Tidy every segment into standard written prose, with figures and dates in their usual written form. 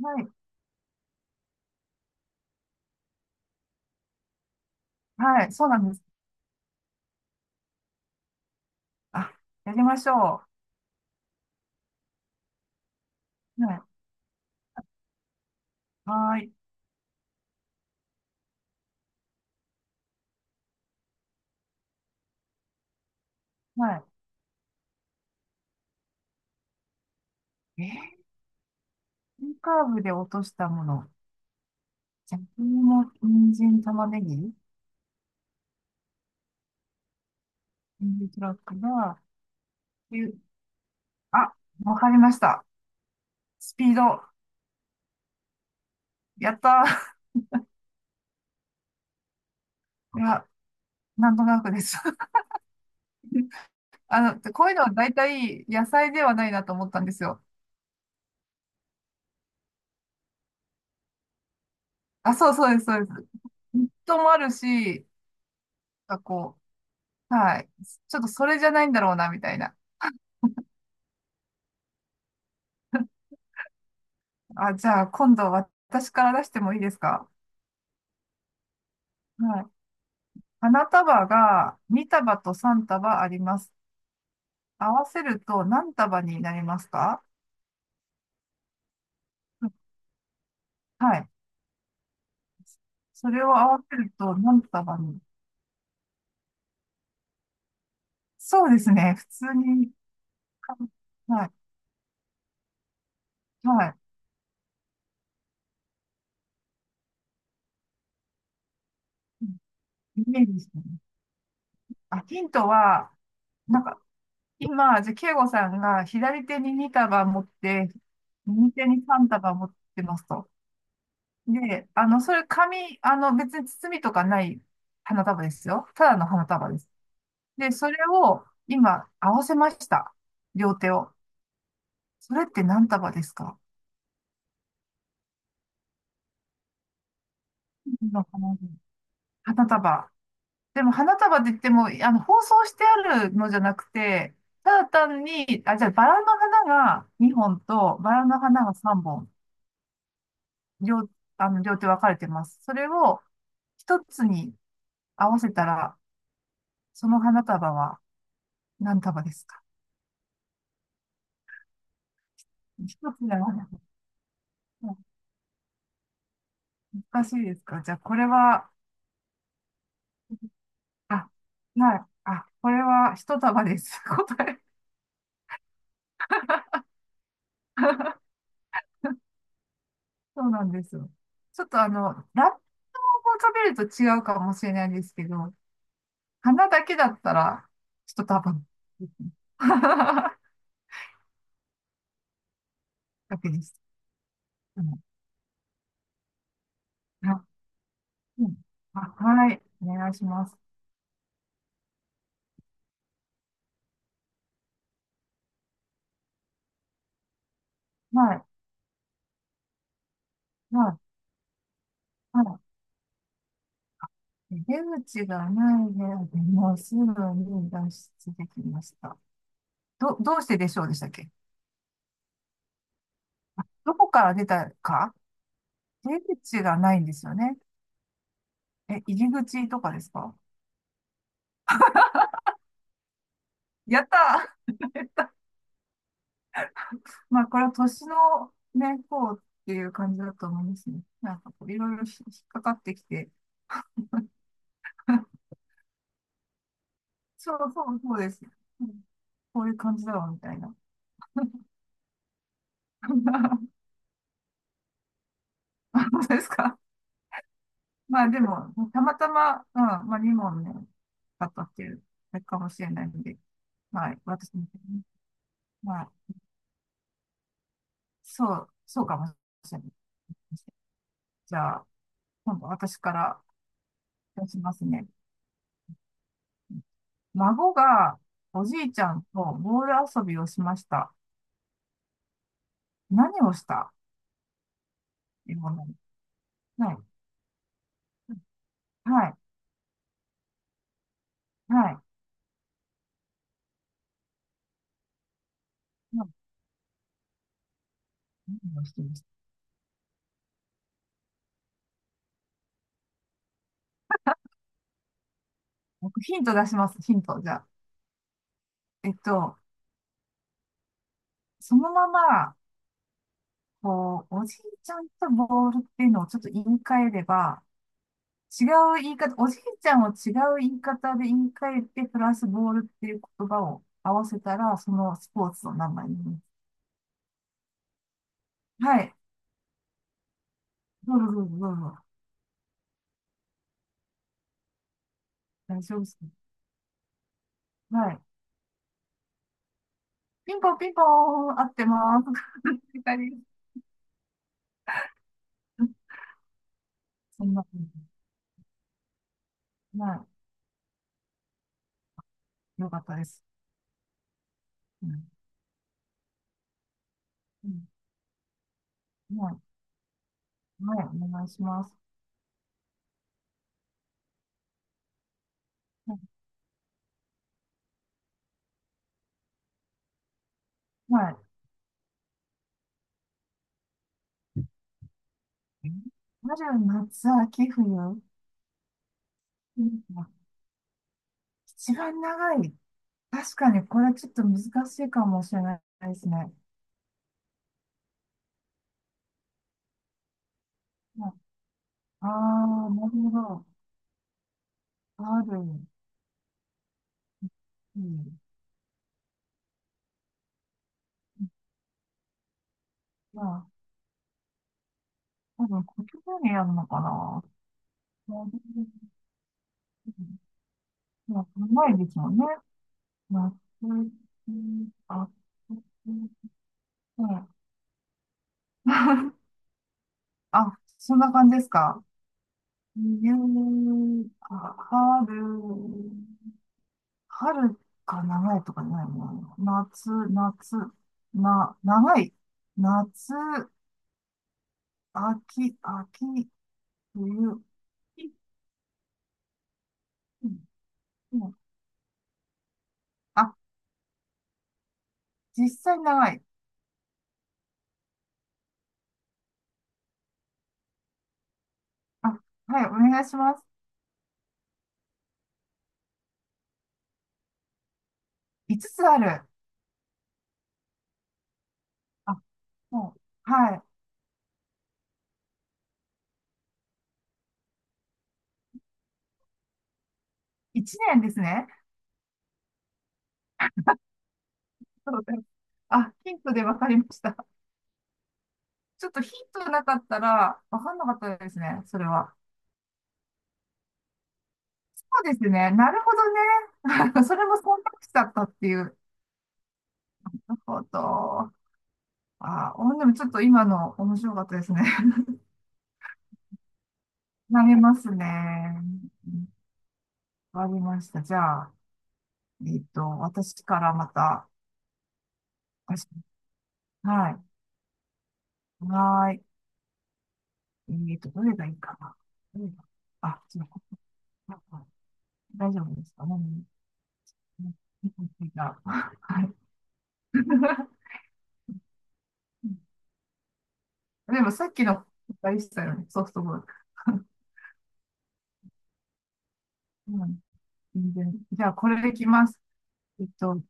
はい、はい、そうなんです。あ、やりましょう。はい、はい、はい。イカーブで落としたもの。じゃがいも、人参、玉ねぎ、人参トラックが、ゆあ、わかりました。スピード。やったー。いや、なんとなくです。あの、こういうのは大体野菜ではないなと思ったんですよ。あ、そうそうです、そうです。ネットもあるし、なんかこう、はい。ちょっとそれじゃないんだろうな、みたいな。あ、じゃあ、今度私から出してもいいですか？はい。花束が2束と3束あります。合わせると何束になりますか？はい。それを合わせると何束に？そうですね。普通にか。はい。はい。イメージしてね。あ、ヒントは、なんか、今、じゃあ、慶吾さんが左手に2束持って、右手に3束持ってますと。で、あの、それ紙、あの、別に包みとかない花束ですよ。ただの花束です。で、それを今合わせました。両手を。それって何束ですか？の花束。花束。でも花束って言っても、あの、包装してあるのじゃなくて、ただ単に、あ、じゃあバラの花が2本と、バラの花が3本、両、あの、両手分かれてます。それを一つに合わせたら、その花束は何束ですか？一つだよ。うん。難しいですか？じゃあ、これは、あ、はい、あ、これは一束です。答え。そうなんですよ。ちょっとあの、ラップを食べると違うかもしれないですけど、花だけだったら、一束ですね。だけです。うん。あ、うん。あはい。お願いします。はい。はい。はい。出口がない部屋でもすぐに脱出できました。どうしてでしょうでしたっけ？どこから出たか？出口がないんですよね。え、入り口とかですか？やったー。 まあ、これは年のね、こうっていう感じだと思いますね。なんかこう、いろいろ引っかかってきて、そうそうそうです。うん。こういう感じだろうみたいな。そうですか。まあでも、たまたま、うん、まあ2問ね、買ったっていう、あれかもしれないので、まあ私もね、まあ、そうかもしれない。じゃあ、今度私から出しますね。孫がおじいちゃんとボール遊びをしました。何をした今の。はい。はい。はい。何をしてました？僕ヒント出します。ヒント。じゃあ。えっと、そのまま、こう、おじいちゃんとボールっていうのをちょっと言い換えれば、違う言い方、おじいちゃんを違う言い方で言い換えて、プラスボールっていう言葉を合わせたら、そのスポーツの名前になります。はい。どうぞどうぞどうぞ。大丈夫ですか？はい。ピンポンピンポン、合ってます。二人。うん、そんな感じ。はい。よかったです。うん。うん。はい。はい。お願いします。はい。春、夏、秋、冬。うん。一番長い。確かに、これちょっと難しいかもしれないですね。はい。ああー、なるほど。ある、うん。まあ、多分、こっちにやるのかな。まあ、考えですもんね。ま秋んあ、うん。あ、そんな感じですか？冬、まあ、春、春か長いとかないな。夏、夏、な、長い。夏、秋、秋、冬。うん。うん。あ、実際長い。あ、はい、お願いします。5つつある。あ、もう、はい。1年ですね。そうです。あ、ヒントで分かりました。ちょっとヒントなかったら、わかんなかったですね、それは。そうですね、なるほどね。それも忖度しちゃったっていう。なるほど。あー、お、でもちょっと今の面白かったですね。投げますね。わかりました。じゃあ、えっと、私からまた。私。はい。はーい。えっと、どれがいいかな。どれが？あ、ちょっと、大丈夫ですかね。じゃあ、はい。でもさっきのあれでしたよね、ソフトボール。うん、全然。じゃあ、これでいきます。えっと、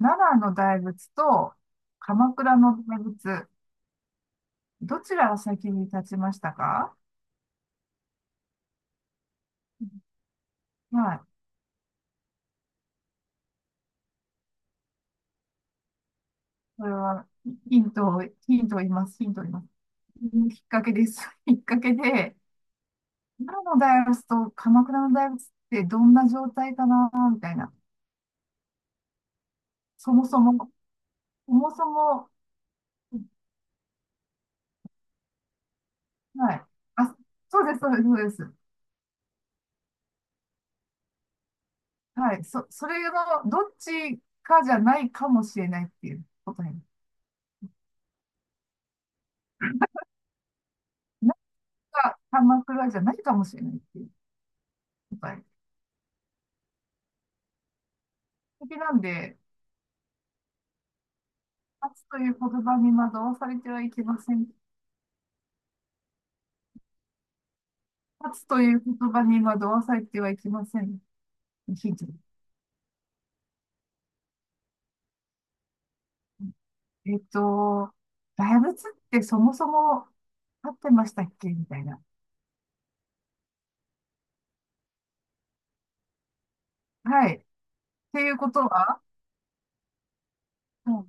奈良の大仏と鎌倉の大仏、どちらが先に立ちましたか？はい。これは、ヒントを、ヒントを言います。ヒントを言います。きっかけです。きっかけで、奈良の大仏と鎌倉の大仏ってどんな状態かな、みたいな。そもそも、そもそも、はい。あ、そうです、そうです、そうです。はい。それのどっちかじゃないかもしれないっていう答え。なんか鎌倉じゃないかもしれないっていう答え。敵なんで、勝つという言葉に惑わされてはいけません。勝つという言葉に惑わされてはいけません。ヒント。えっと、大仏ってそもそも立ってましたっけみたいな。はい。っていうことは、うん。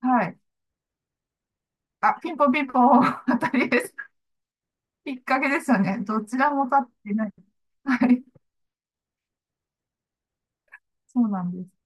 はい。あ、ピンポンピンポン、当たりです。きっかけですよね。どちらも立ってない。はい。そうなんです。